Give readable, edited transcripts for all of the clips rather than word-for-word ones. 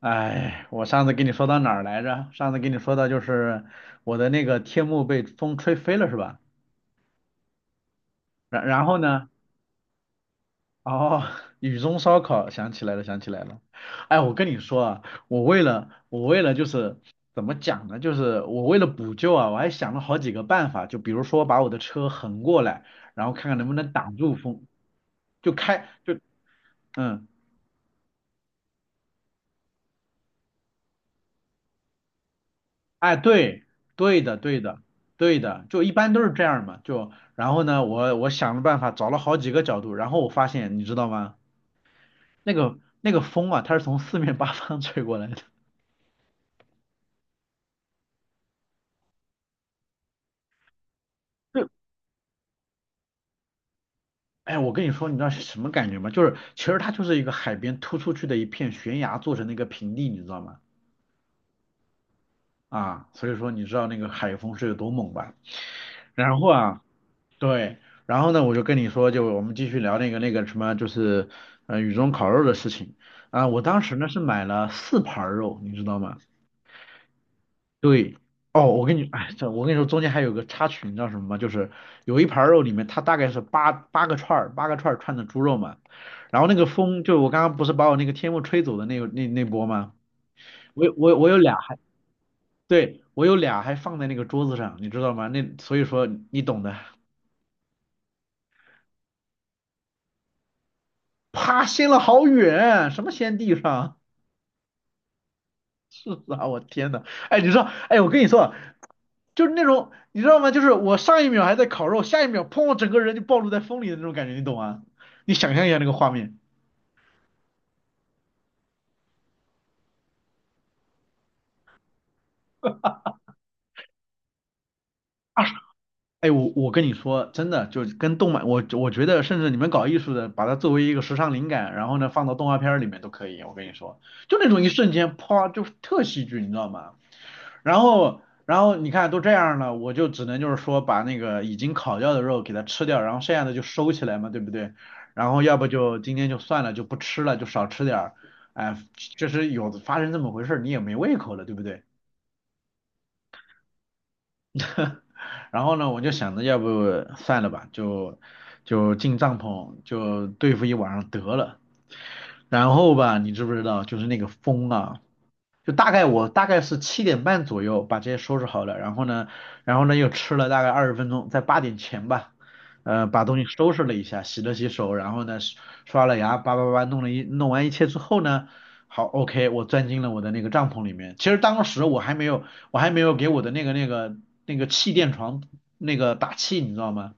哎，我上次跟你说到哪儿来着？上次跟你说到就是我的那个天幕被风吹飞了，是吧？然后呢？哦，雨中烧烤，想起来了，想起来了。哎，我跟你说啊，我为了就是怎么讲呢？就是我为了补救啊，我还想了好几个办法，就比如说把我的车横过来，然后看看能不能挡住风，就开就嗯。哎，对，对的，对的，对的，就一般都是这样嘛。就然后呢，我想了办法，找了好几个角度，然后我发现，你知道吗？那个风啊，它是从四面八方 吹过来的。就哎，我跟你说，你知道是什么感觉吗？就是其实它就是一个海边突出去的一片悬崖做成的一个平地，你知道吗？啊，所以说你知道那个海风是有多猛吧？然后啊。对，然后呢，我就跟你说，就我们继续聊那个什么，就是雨中烤肉的事情啊、我当时呢是买了4盘儿肉，你知道吗？对，哦，我跟你，哎，这我跟你说，中间还有个插曲，你知道什么吗？就是有一盘儿肉里面，它大概是八个串儿，八个串儿串的猪肉嘛。然后那个风，就我刚刚不是把我那个天幕吹走的那波吗？我有俩还，对，我有俩还放在那个桌子上，你知道吗？那所以说你懂的，啪，掀了好远，什么掀地上？是啊，我天呐，哎，你知道，哎，我跟你说啊就是那种，你知道吗？就是我上一秒还在烤肉，下一秒砰，我整个人就暴露在风里的那种感觉，你懂吗？你想象一下那个画面。哎，我跟你说，真的，就是跟动漫，我觉得，甚至你们搞艺术的，把它作为一个时尚灵感，然后呢，放到动画片儿里面都可以。我跟你说，就那种一瞬间，啪，就是特戏剧，你知道吗？然后，然后你看都这样了，我就只能就是说把那个已经烤掉的肉给它吃掉，然后剩下的就收起来嘛，对不对？然后要不就今天就算了，就不吃了，就少吃点儿。哎，这是有的发生这么回事儿，你也没胃口了，对不对？然后呢，我就想着要不算了吧，就进帐篷就对付一晚上得了。然后吧，你知不知道，就是那个风啊，就大概我大概是7点半左右把这些收拾好了，然后呢又吃了大概20分钟，在8点前吧，把东西收拾了一下，洗了洗手，然后呢刷了牙，叭叭叭弄完一切之后呢，好，OK，我钻进了我的那个帐篷里面。其实当时我还没有给我的那个那个气垫床那个打气，你知道吗？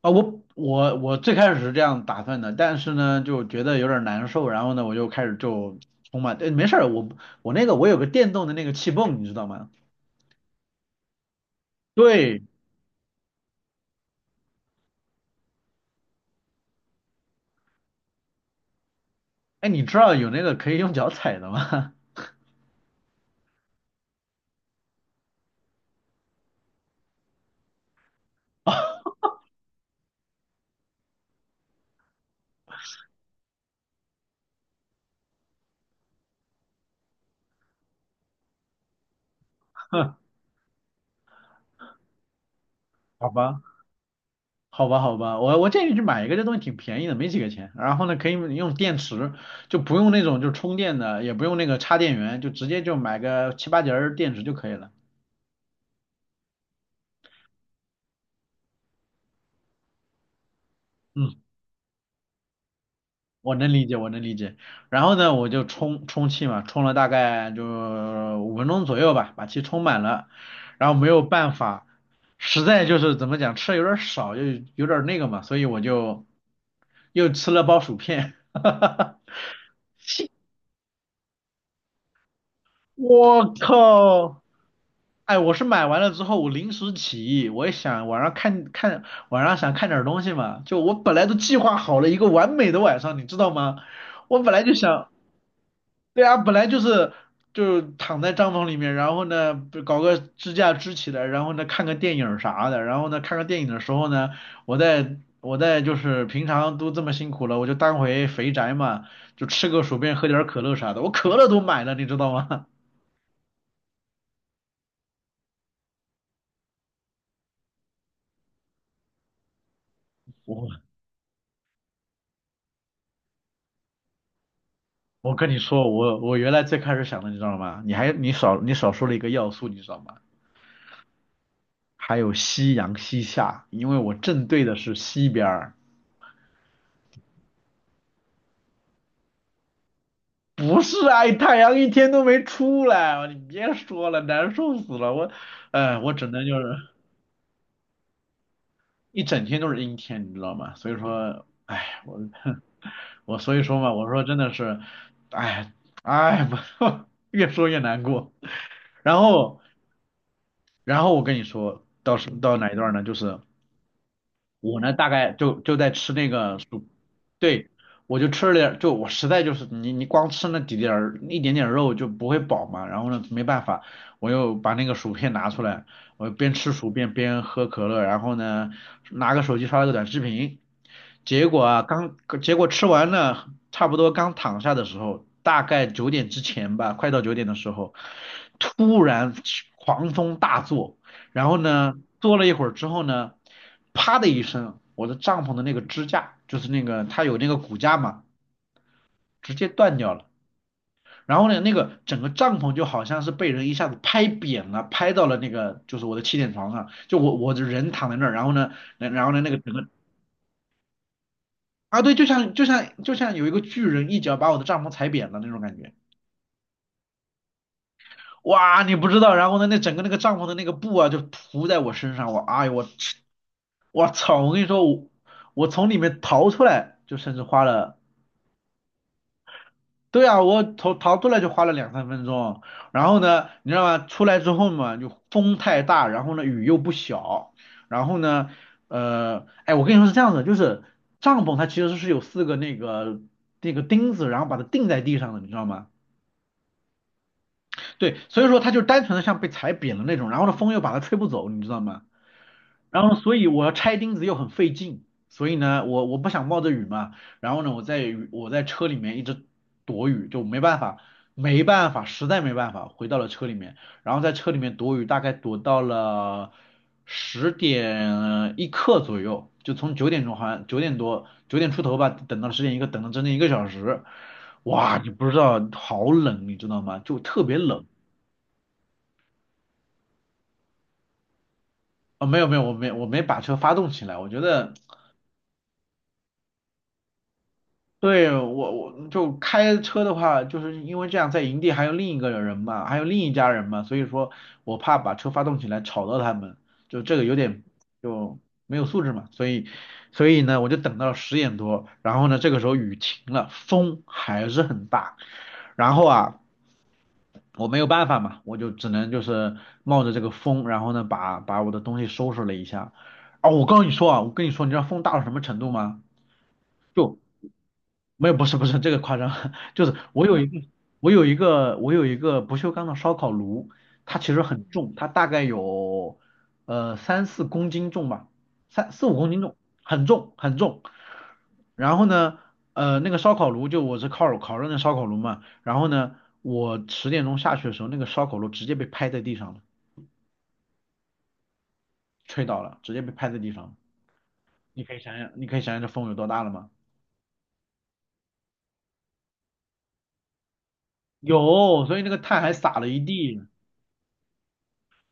啊，我最开始是这样打算的，但是呢，就觉得有点难受，然后呢，我就开始就充满，哎，没事儿，我有个电动的那个气泵，你知道吗？对，哎，你知道有那个可以用脚踩的吗？哼好吧，好吧，好吧，我建议你去买一个，这东西挺便宜的，没几个钱。然后呢，可以用电池，就不用那种就充电的，也不用那个插电源，就直接就买个七八节儿电池就可以了。嗯。我能理解，我能理解。然后呢，我就充充气嘛，充了大概就5分钟左右吧，把气充满了。然后没有办法，实在就是怎么讲，吃的有点少，又有点那个嘛，所以我就又吃了包薯片。我靠！哎，我是买完了之后，我临时起意，我也想晚上看看，晚上想看点儿东西嘛。就我本来都计划好了一个完美的晚上，你知道吗？我本来就想。对啊，本来就是就躺在帐篷里面，然后呢不搞个支架支起来，然后呢看个电影儿啥的，然后呢看个电影的时候呢，我在我在就是平常都这么辛苦了，我就当回肥宅嘛，就吃个薯片，喝点儿可乐啥的，我可乐都买了，你知道吗？我我跟你说，我原来最开始想的，你知道吗？你少说了一个要素，你知道吗？还有夕阳西下，因为我正对的是西边儿。不是啊，太阳一天都没出来，你别说了，难受死了。我只能就是一整天都是阴天，你知道吗？所以说，哎，我 我所以说嘛，我说真的是，哎哎，我 越说越难过。然后我跟你说到哪一段呢？就是我呢大概就在吃那个薯，对，我就吃了点儿就我实在就是你光吃那几点儿一点点肉就不会饱嘛，然后呢没办法，我又把那个薯片拿出来，我边吃薯片边喝可乐，然后呢拿个手机刷了个短视频，结果啊刚结果吃完了差不多刚躺下的时候，大概九点之前吧，快到九点的时候，突然狂风大作。然后呢，坐了一会儿之后呢，啪的一声，我的帐篷的那个支架，就是那个它有那个骨架嘛，直接断掉了。然后呢，那个整个帐篷就好像是被人一下子拍扁了，拍到了那个就是我的气垫床上，就我的人躺在那儿，然后呢，然后呢那个整个啊对，就像就像有一个巨人一脚把我的帐篷踩扁了那种感觉。哇，你不知道，然后呢，那整个那个帐篷的那个布啊，就铺在我身上，我哎呦我去我操！我跟你说，我从里面逃出来，就甚至花了，对啊，我逃出来就花了2、3分钟，然后呢，你知道吗？出来之后嘛，就风太大，然后呢雨又不小，然后呢，哎，我跟你说是这样子，就是帐篷它其实是有4个那个钉子，然后把它钉在地上的，你知道吗？对，所以说它就单纯的像被踩扁了那种，然后呢风又把它吹不走，你知道吗？然后所以我要拆钉子又很费劲，所以呢，我不想冒着雨嘛，然后呢，我在车里面一直躲雨，就没办法，没办法，实在没办法，回到了车里面，然后在车里面躲雨，大概躲到了十点一刻左右，就从9点钟好像9点多9点出头吧，等到十点一刻，等了整整1个小时，哇，你不知道好冷，你知道吗？就特别冷。啊、没有没有，我没把车发动起来，我觉得对，我就开车的话，就是因为这样在营地还有另一个人嘛，还有另一家人嘛，所以说我怕把车发动起来吵到他们，就这个有点就没有素质嘛，所以呢，我就等到10点多，然后呢，这个时候雨停了，风还是很大，然后啊，我没有办法嘛，我就只能就是冒着这个风，然后呢，把我的东西收拾了一下。啊，我告诉你说啊，我跟你说，你知道风大到什么程度吗？就。没有，不是这个夸张，就是我有一个不锈钢的烧烤炉，它其实很重，它大概有三四公斤重吧，三四五公斤重，很重很重。然后呢，那个烧烤炉就我是烤烤肉那烧烤炉嘛，然后呢，我10点钟下去的时候，那个烧烤炉直接被拍在地上了，吹倒了，直接被拍在地上了。你可以想想，你可以想想这风有多大了吗？有，所以那个碳还撒了一地。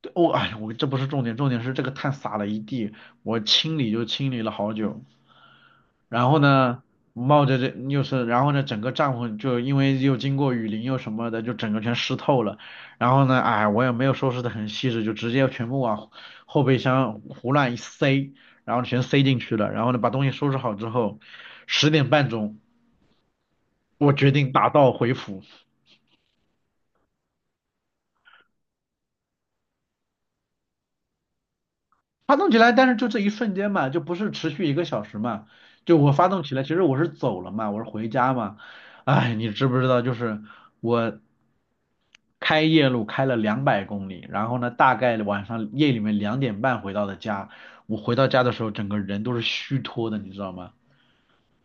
对我哎呀，我这不是重点，重点是这个碳撒了一地，我清理就清理了好久。然后呢，冒着这又是，然后呢，整个帐篷就因为又经过雨淋又什么的，就整个全湿透了。然后呢，哎，我也没有收拾的很细致，就直接全部往后备箱胡乱一塞，然后全塞进去了。然后呢，把东西收拾好之后，10点半钟，我决定打道回府。发动起来，但是就这一瞬间嘛，就不是持续一个小时嘛。就我发动起来，其实我是走了嘛，我是回家嘛。哎，你知不知道？就是我开夜路开了200公里，然后呢，大概晚上夜里面2点半回到的家。我回到家的时候，整个人都是虚脱的，你知道吗？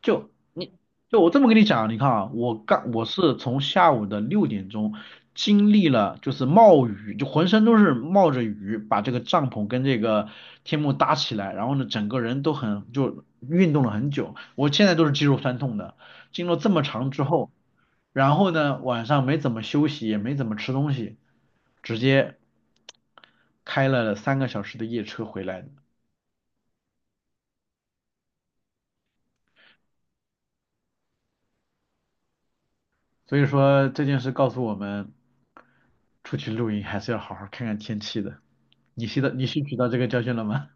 就你就我这么跟你讲，你看啊，我是从下午的6点钟经历了就是冒雨，就浑身都是冒着雨，把这个帐篷跟这个天幕搭起来，然后呢，整个人都很就运动了很久，我现在都是肌肉酸痛的。经过这么长之后，然后呢，晚上没怎么休息，也没怎么吃东西，直接开了3个小时的夜车回来的。所以说这件事告诉我们，出去露营还是要好好看看天气的。你吸取到这个教训了吗？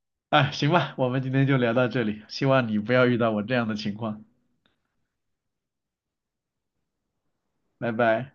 哎，行吧，我们今天就聊到这里，希望你不要遇到我这样的情况。拜拜。